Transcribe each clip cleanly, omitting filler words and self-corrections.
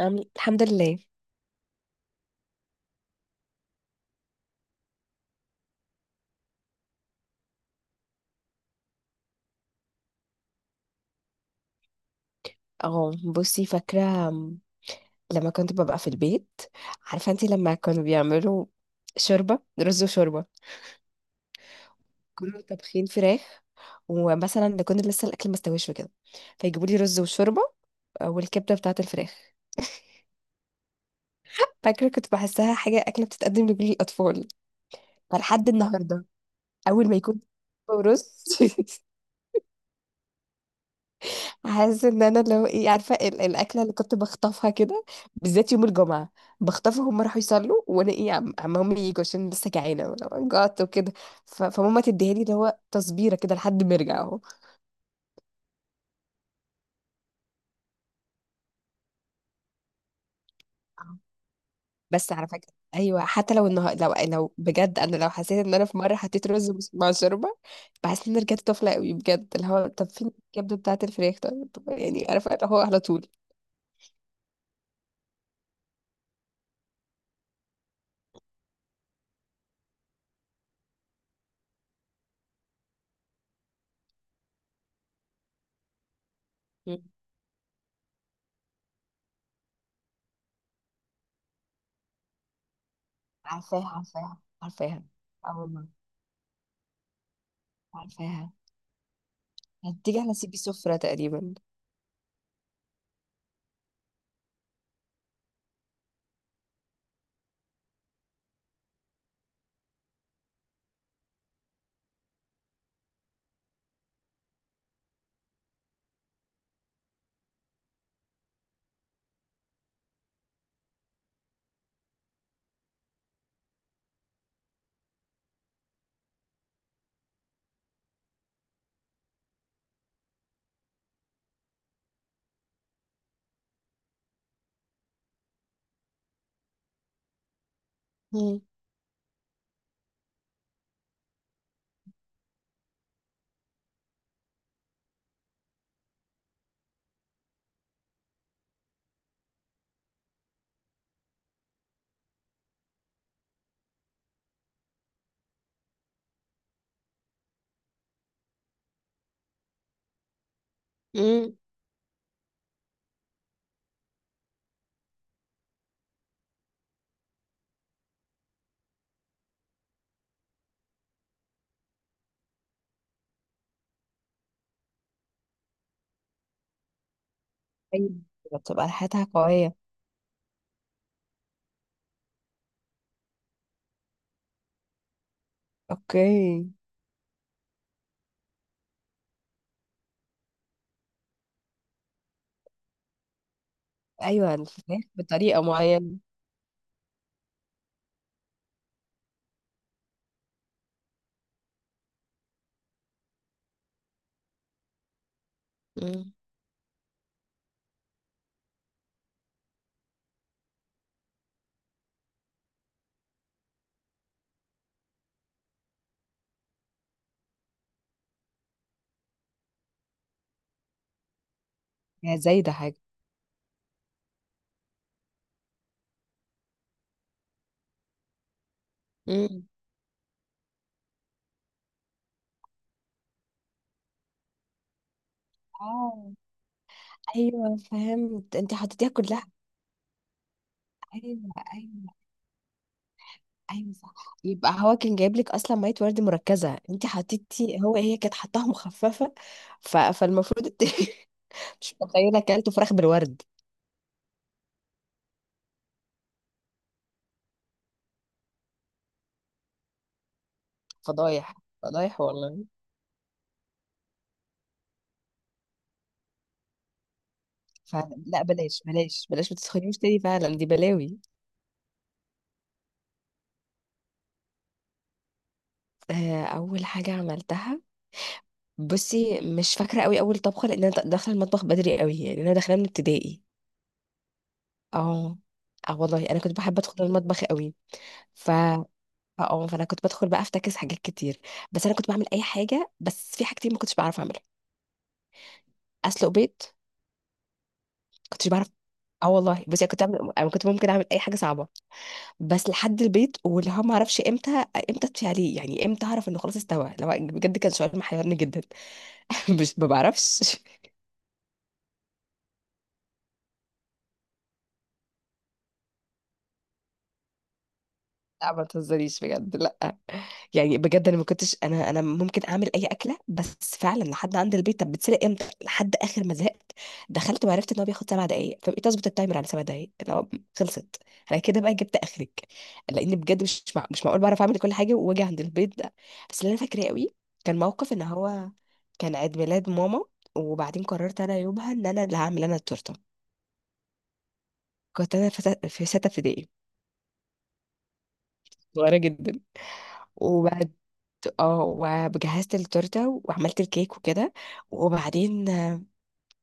الحمد لله. اه بصي، فاكرة لما كنت ببقى في البيت، عارفة انتي لما كانوا بيعملوا شوربة رز وشوربة، كانوا طابخين فراخ، ومثلا نكون لسه الأكل مستويش وكده، فيجيبوا لي رز وشوربة، آه، والكبدة بتاعة الفراخ. فاكرة كنت بحسها حاجة أكلة بتتقدم لكل الأطفال، فلحد النهاردة أول ما يكون رز حاسه ان انا، لو ايه، عارفه الاكله اللي كنت بخطفها كده، بالذات يوم الجمعه، بخطفها هم راحوا يصلوا، وانا ايه، عم عم هم يجوا عشان لسه جعانه وأنا جعت وكده. فماما تديها لي، اللي هو تصبيره كده لحد ما ارجع اهو. آه. بس على فكره، ايوه، حتى لو النهار، لو بجد، انا لو حسيت ان انا في مره حطيت رز مع شوربه، بحس ان أنا رجعت طفله قوي بجد، اللي هو طب فين الكبده بتاعه الفراخ، طب، يعني عارفه، اللي هو على طول. مم. عارفاها، عارفاها، عارفاها. اه والله، عارفاها. هتيجي على سيبي سفرة تقريبا. مم. مم. أيوة، بتبقى ريحتها قوية. اوكي. ايوه، الفراخ بطريقة معينة. مم. هي زايدة حاجة؟ مم. اه. ايوه، فهمت، انت حطيتيها كلها. ايوه. ايوه، ايوه، صح. يبقى هو كان جايب لك اصلا ميه ورد مركزه، انت حطيتي، هو هي كانت حطاها مخففه. فالمفروض مش متخيله اكلته فراخ بالورد. فضايح، فضايح والله. فعلا لا، بلاش بلاش بلاش، ما تسخنيش تاني، فعلا دي بلاوي. آه، اول حاجه عملتها، بصي مش فاكره قوي اول طبخه، لان انا داخله المطبخ بدري قوي، يعني انا داخله من ابتدائي. اه. اه والله، انا كنت بحب ادخل المطبخ قوي. ف اه آه، فانا كنت بدخل بقى افتكس حاجات كتير، بس انا كنت بعمل اي حاجه، بس في حاجتين ما كنتش بعرف اعملها. اسلق بيض كنتش بعرف. اه والله، بصي أنا كنت بعمل، انا كنت ممكن اعمل اي حاجه صعبه، بس لحد البيت، واللي هو ما اعرفش امتى، امتى اطفي عليه، يعني امتى اعرف انه خلاص استوى، لو بجد كان شعور محيرني جدا مش، ما بعرفش. لا ما تهزريش بجد، لا. يعني بجد انا ما كنتش، انا ممكن اعمل اي اكله، بس فعلا لحد عند البيت، طب بتسرق امتى، لحد اخر ما زهقت، دخلت وعرفت ان هو بياخد سبع دقائق، فبقيت اظبط التايمر على سبع دقائق اللي هو خلصت. انا كده بقى جبت اخرك، لان بجد مش معقول بعرف اعمل كل حاجه واجي عند البيت ده. بس اللي انا فاكراه قوي، كان موقف ان هو كان عيد ميلاد ماما، وبعدين قررت انا يومها ان انا اللي هعمل انا التورته. كنت انا في ستة ابتدائي. صغيره جدا. اه. وجهزت التورته وعملت الكيك وكده. وبعدين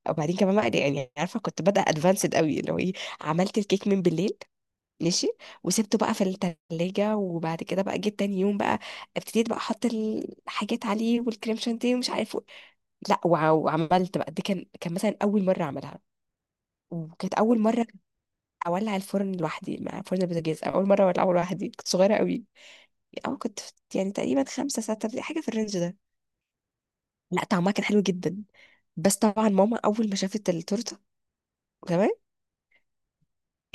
وبعدين كمان بقى، يعني عارفه كنت بادئه ادفانسد قوي، اللي هو ايه، عملت الكيك من بالليل. ماشي. وسبته بقى في التلاجة، وبعد كده بقى جيت تاني يوم بقى، ابتديت بقى احط الحاجات عليه والكريم شانتيه ومش عارف و... لا، وعملت بقى دي، كان مثلا اول مره اعملها. وكانت اول مره اولع الفرن لوحدي، مع فرن البوتاجاز اول مره اولعه لوحدي، كنت صغيره قوي، اه كنت، يعني تقريبا خمسة ستة، حاجه في الرينج ده. لا طعمها كان حلو جدا. بس طبعا ماما اول ما شافت التورته، تمام.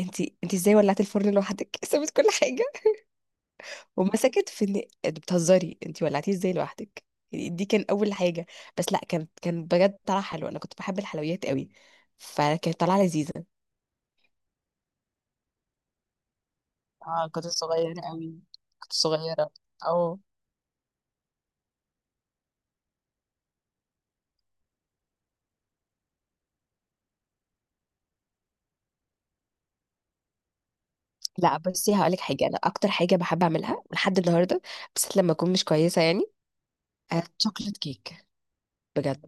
انت ازاي ولعتي الفرن لوحدك؟ سابت كل حاجه، ومسكت في ان انت بتهزري، انت ولعتيه ازاي لوحدك. يعني دي كان اول حاجه. بس لا، كان بجد طلع حلو. انا كنت بحب الحلويات قوي، فكانت طالعه لذيذه. اه كنت صغيرة أوي. كنت صغيرة. اه. لا، بصي هقولك حاجه، انا اكتر حاجه بحب اعملها لحد النهارده، بس لما اكون مش كويسه يعني، آه، شوكليت كيك. بجد.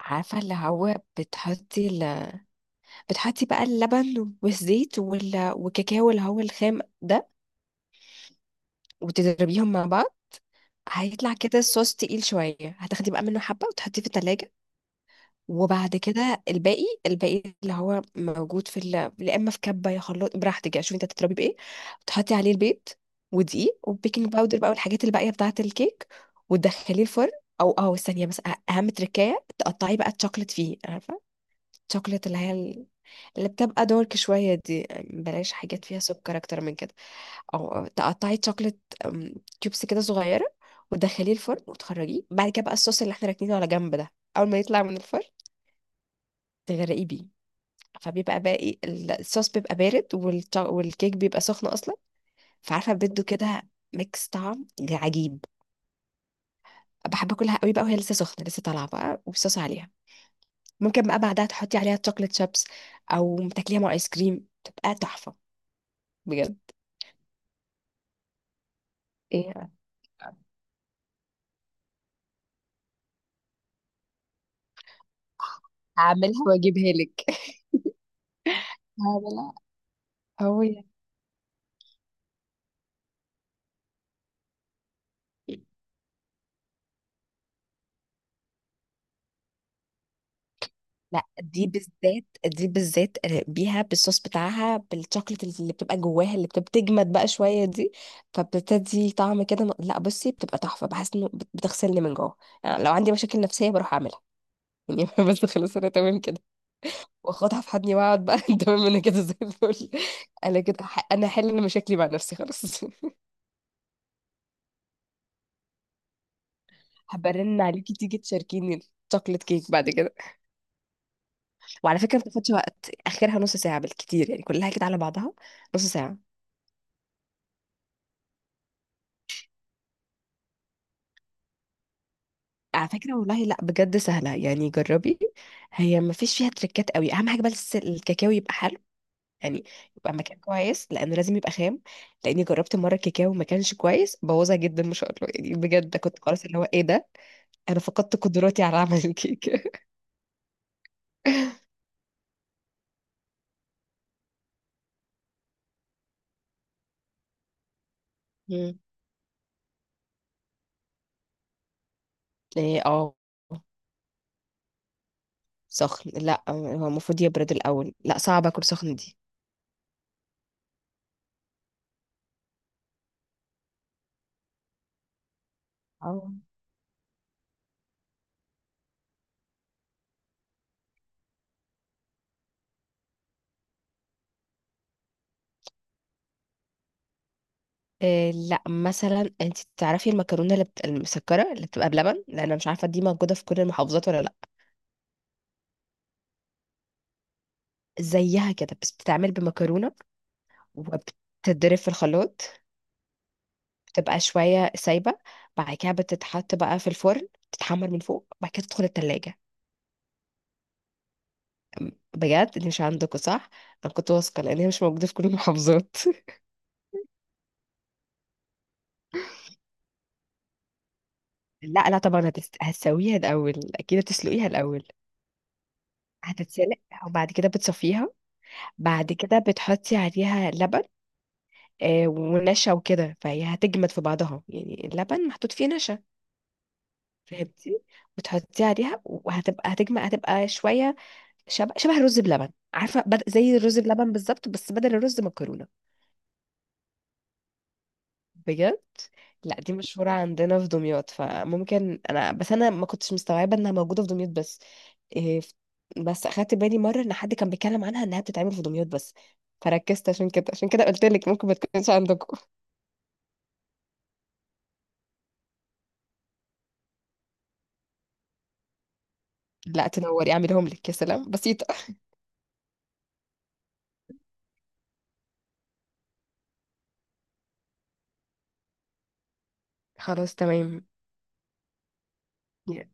عارفه اللي هو بتحطي، بقى اللبن والزيت وال... والكاكاو اللي هو الخام ده، وتضربيهم مع بعض. هيطلع كده الصوص تقيل شوية، هتاخدي بقى منه حبة وتحطيه في التلاجة. وبعد كده الباقي، اللي هو موجود في يا اما في كبة، يا خلاط، براحتك يعني، شوفي انت هتضربي بايه. تحطي عليه البيض ودقيق وبيكنج باودر بقى، والحاجات الباقية بتاعة الكيك، وتدخليه الفرن. او اه، ثانية بس، اهم تركاية، تقطعي بقى الشوكليت فيه، عارفة الشوكليت اللي هي، اللي بتبقى دارك شوية دي، بلاش حاجات فيها سكر أكتر من كده. أو تقطعي شوكليت، أم، تيوبس كده صغيرة، وتدخليه الفرن، وتخرجيه بعد كده. بقى الصوص اللي احنا راكنينه على جنب ده، أول ما يطلع من الفرن تغرقيه بيه، فبيبقى باقي الصوص بيبقى بارد، والكيك بيبقى سخن أصلا، فعارفة بده كده ميكس طعم عجيب. بحب أكلها قوي بقى وهي لسه سخنة لسه طالعة بقى والصوص عليها. ممكن بقى بعدها تحطي عليها شوكليت شيبس، أو تاكليها مع آيس كريم تبقى تحفة. بجد. ايه، هعملها واجيبها لك. هذا لا. هو يعني، لا دي بالذات، دي بالذات بيها بالصوص بتاعها، بالشوكليت اللي بتبقى جواها اللي بتجمد بقى شويه دي، فبتدي طعم كده، لا بصي بتبقى تحفه، بحس انه بتغسلني من جوه. يعني لو عندي مشاكل نفسيه بروح اعملها يعني بس خلاص، انا تمام كده، واخدها في حضني واقعد بقى تمام، انا كده زي الفل. انا كده، انا هحل مشاكلي مع نفسي خلاص هبرن عليكي تيجي تشاركيني الشوكليت كيك بعد كده. وعلى فكره ما بتاخدش وقت، اخرها نص ساعه بالكتير، يعني كلها كده على بعضها نص ساعه. على فكره والله، لا، بجد سهله، يعني جربي. هي ما فيش فيها تريكات قوي، اهم حاجه بس الكاكاو يبقى حلو، يعني يبقى مكان كويس، لانه لازم يبقى خام. لاني جربت مره الكاكاو ما كانش كويس، بوظها جدا ما شاء الله، يعني بجد كنت خلاص، اللي هو ايه ده، انا فقدت قدراتي على عمل الكيكه. مم. ايه اه. سخن؟ لا هو المفروض يبرد الاول، لا صعب اكل سخن دي. اه. آه لا، مثلا انت تعرفي المكرونه اللي بت...، المسكره اللي بتبقى بلبن، لان انا مش عارفه دي موجوده في كل المحافظات ولا لا. زيها كده بس بتتعمل بمكرونه، وبتتضرب في الخلاط، بتبقى شويه سايبه، بعد كده بتتحط بقى في الفرن تتحمر من فوق، بعد كده تدخل التلاجة. بجد دي مش عندكم؟ صح، انا كنت واثقه لان هي مش موجوده في كل المحافظات لا لا طبعا، هتسويها الاول، اكيد هتسلقيها الاول، هتتسلق، وبعد كده بتصفيها، بعد كده بتحطي عليها لبن، آه، ونشا وكده، فهي هتجمد في بعضها يعني، اللبن محطوط فيه نشا، فهمتي، بتحطيه عليها وهتبقى، هتجمد، هتبقى شويه شبه شبه الرز بلبن، عارفه، زي الرز بلبن بالظبط، بس بدل الرز مكرونه. بجد. لا دي مشهوره عندنا في دمياط، فممكن انا، بس ما كنتش مستوعبه انها موجوده في دمياط بس، إيه، بس اخدت بالي مره ان حد كان بيتكلم عنها انها بتتعمل في دمياط بس، فركزت عشان كده، قلت لك ممكن ما تكونش عندكم. لا، تنوري، اعملهم لك، يا سلام، بسيطه. خلاص تمام. يا-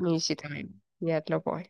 ماشي تمام، يلا باي.